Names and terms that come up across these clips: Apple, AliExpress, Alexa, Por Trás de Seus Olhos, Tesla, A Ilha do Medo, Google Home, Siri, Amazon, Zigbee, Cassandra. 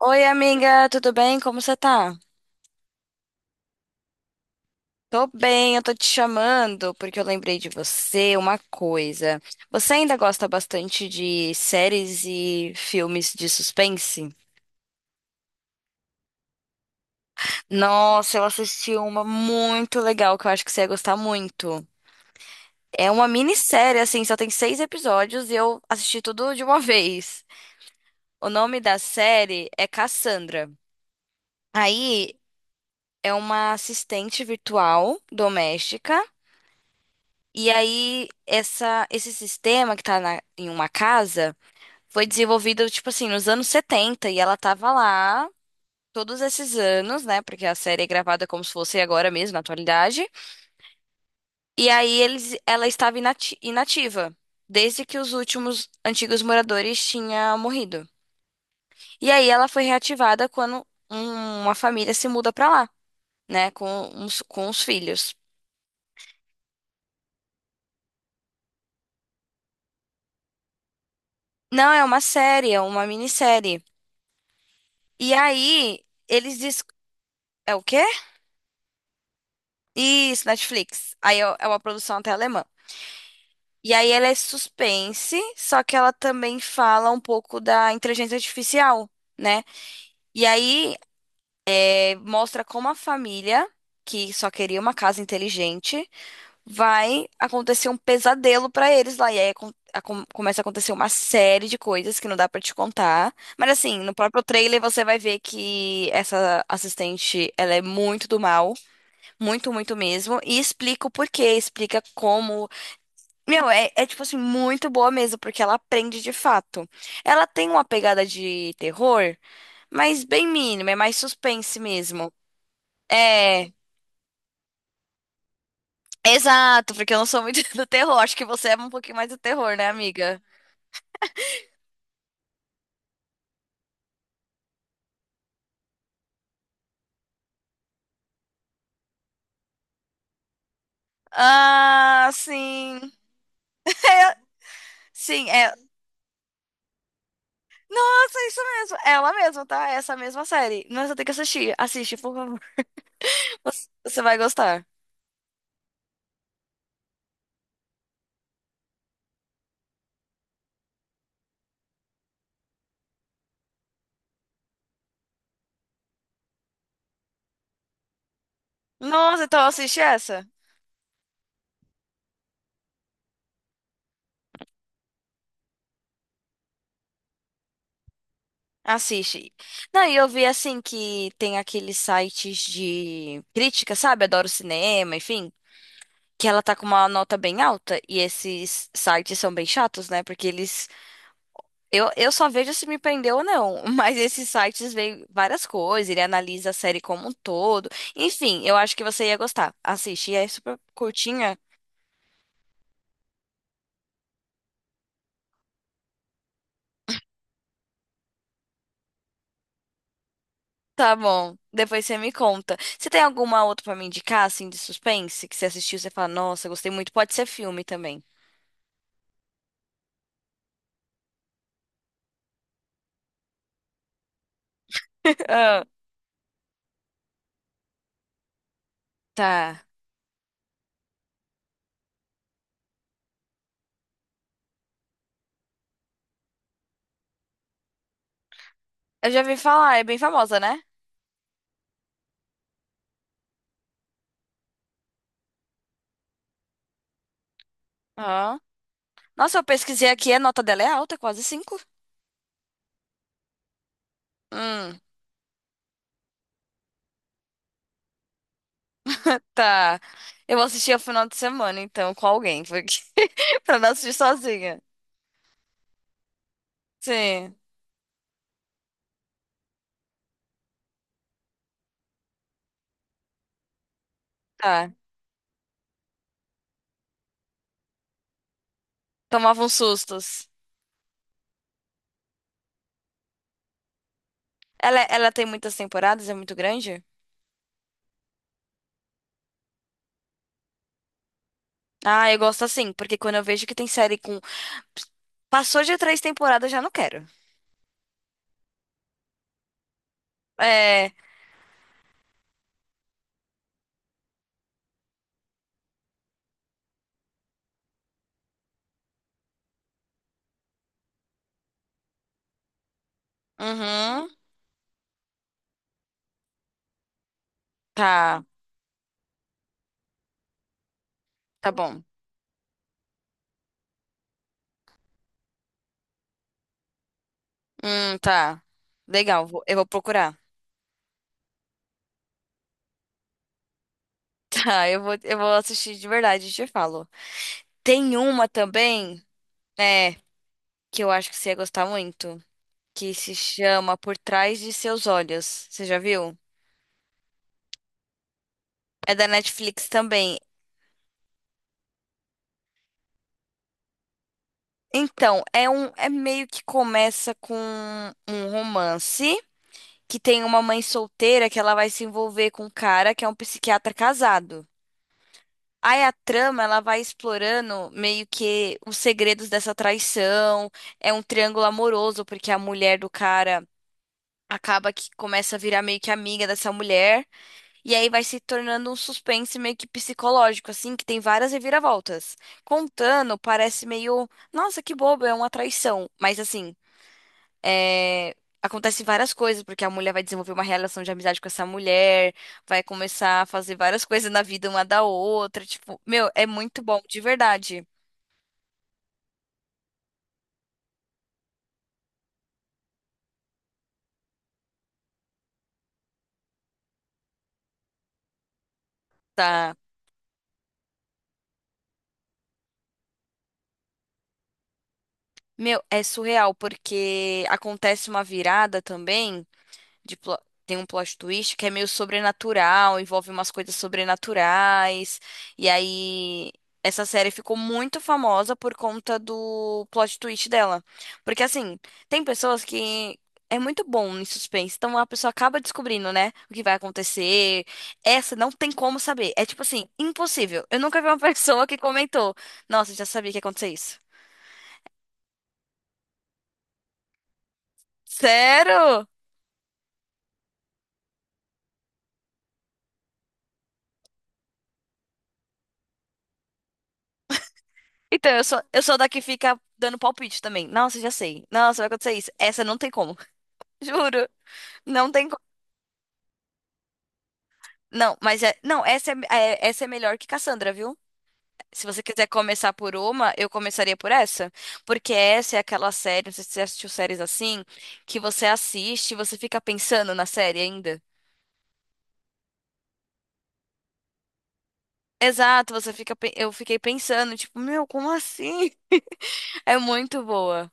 Oi, amiga, tudo bem? Como você tá? Tô bem, eu tô te chamando porque eu lembrei de você uma coisa. Você ainda gosta bastante de séries e filmes de suspense? Nossa, eu assisti uma muito legal que eu acho que você ia gostar muito. É uma minissérie, assim, só tem 6 episódios e eu assisti tudo de uma vez. O nome da série é Cassandra. Aí é uma assistente virtual doméstica. E aí, esse sistema que tá em uma casa foi desenvolvido, tipo assim, nos anos 70 e ela tava lá todos esses anos, né? Porque a série é gravada como se fosse agora mesmo, na atualidade. E aí, ela estava inativa, desde que os últimos antigos moradores tinham morrido. E aí, ela foi reativada quando uma família se muda pra lá, né? Com os filhos. Não, é uma série, é uma minissérie. E aí, eles. É o quê? Isso, Netflix. Aí é uma produção até alemã. E aí ela é suspense, só que ela também fala um pouco da inteligência artificial, né? E aí mostra como a família, que só queria uma casa inteligente, vai acontecer um pesadelo pra eles lá. E aí começa a acontecer uma série de coisas que não dá pra te contar. Mas assim, no próprio trailer você vai ver que essa assistente, ela é muito do mal. Muito, muito mesmo. E explica o porquê, explica como. Meu, é tipo assim, muito boa mesmo, porque ela aprende de fato. Ela tem uma pegada de terror, mas bem mínima, é mais suspense mesmo. É, exato, porque eu não sou muito do terror. Acho que você é um pouquinho mais do terror, né, amiga? Ah, sim. Sim, é. Nossa, isso mesmo. É ela mesma, tá? É essa mesma série. Nossa, tem que assistir. Assiste, por favor. Você vai gostar. Nossa, então assiste essa. Assiste. Não, e eu vi assim que tem aqueles sites de crítica, sabe? Adoro cinema, enfim. Que ela tá com uma nota bem alta. E esses sites são bem chatos, né? Porque eles. Eu só vejo se me prendeu ou não. Mas esses sites veem várias coisas. Ele analisa a série como um todo. Enfim, eu acho que você ia gostar. Assiste. E é super curtinha. Tá bom. Depois você me conta. Você tem alguma outra pra me indicar, assim, de suspense? Que você assistiu e você fala, nossa, gostei muito. Pode ser filme também. Tá. Eu já vi falar, é bem famosa, né? Ó. Nossa, eu pesquisei aqui, a nota dela é alta, quase 5. Hum, tá. Eu vou assistir ao final de semana, então, com alguém, porque pra não assistir sozinha. Sim, tá. Tomava uns sustos. Ela tem muitas temporadas, é muito grande? Ah, eu gosto assim, porque quando eu vejo que tem série com. Passou de 3 temporadas, eu já não quero. É. Uhum. Tá, tá bom. Tá. Legal, eu vou procurar. Tá, eu vou assistir de verdade, e te falo. Tem uma também, é, que eu acho que você ia gostar muito, que se chama Por Trás de Seus Olhos. Você já viu? É da Netflix também. Então, é meio que começa com um romance que tem uma mãe solteira que ela vai se envolver com um cara que é um psiquiatra casado. Aí a trama, ela vai explorando meio que os segredos dessa traição, é um triângulo amoroso, porque a mulher do cara acaba que começa a virar meio que amiga dessa mulher, e aí vai se tornando um suspense meio que psicológico, assim, que tem várias reviravoltas. Contando, parece meio, nossa, que bobo, é uma traição. Mas assim, é... acontece várias coisas, porque a mulher vai desenvolver uma relação de amizade com essa mulher, vai começar a fazer várias coisas na vida uma da outra, tipo, meu, é muito bom, de verdade, tá? Meu, é surreal, porque acontece uma virada também. de plo- Tem um plot twist que é meio sobrenatural, envolve umas coisas sobrenaturais. E aí essa série ficou muito famosa por conta do plot twist dela. Porque assim, tem pessoas que é muito bom em suspense, então a pessoa acaba descobrindo, né, o que vai acontecer. Essa não tem como saber. É tipo assim, impossível. Eu nunca vi uma pessoa que comentou: "Nossa, já sabia que ia acontecer isso". Sério? Então, eu sou da que fica dando palpite também. Nossa, já sei. Nossa, vai acontecer isso. Essa não tem como. Juro. Não tem como. Não, mas é. Não, essa essa é melhor que Cassandra, viu? Se você quiser começar por uma, eu começaria por essa. Porque essa é aquela série, não sei se você assistiu séries assim, que você assiste e você fica pensando na série ainda. Exato, você fica. Eu fiquei pensando, tipo, meu, como assim? É muito boa.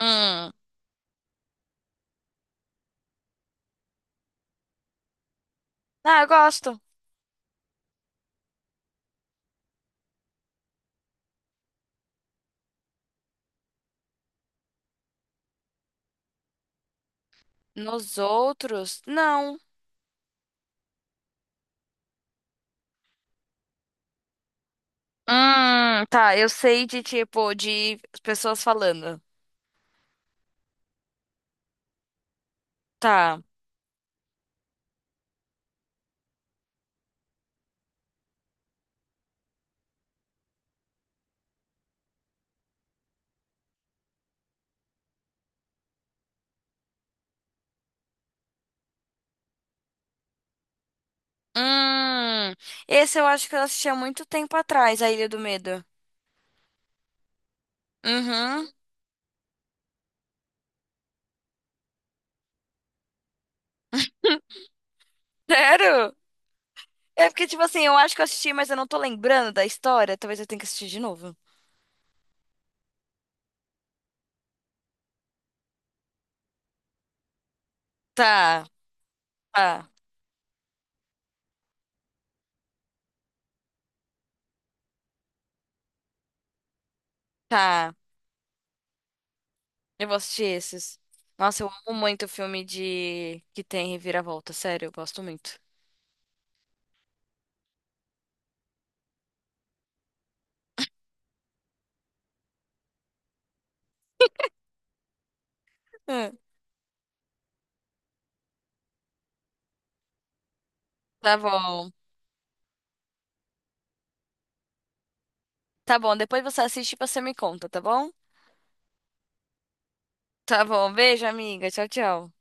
Hum. Ah, eu gosto. Nos outros, não. Tá, eu sei de tipo, de pessoas falando. Tá. Hum, Esse eu acho que eu assisti há muito tempo atrás, A Ilha do Medo. Uhum. Sério? É porque, tipo assim, eu acho que eu assisti, mas eu não tô lembrando da história. Talvez eu tenha que assistir de novo. Tá, tá, tá. Eu vou assistir esses. Nossa, eu amo muito filme de que tem reviravolta. Sério, eu gosto muito. Hum, tá bom. Tá bom, depois você assiste e você me conta, tá bom? Tá bom, beijo, amiga. Tchau, tchau.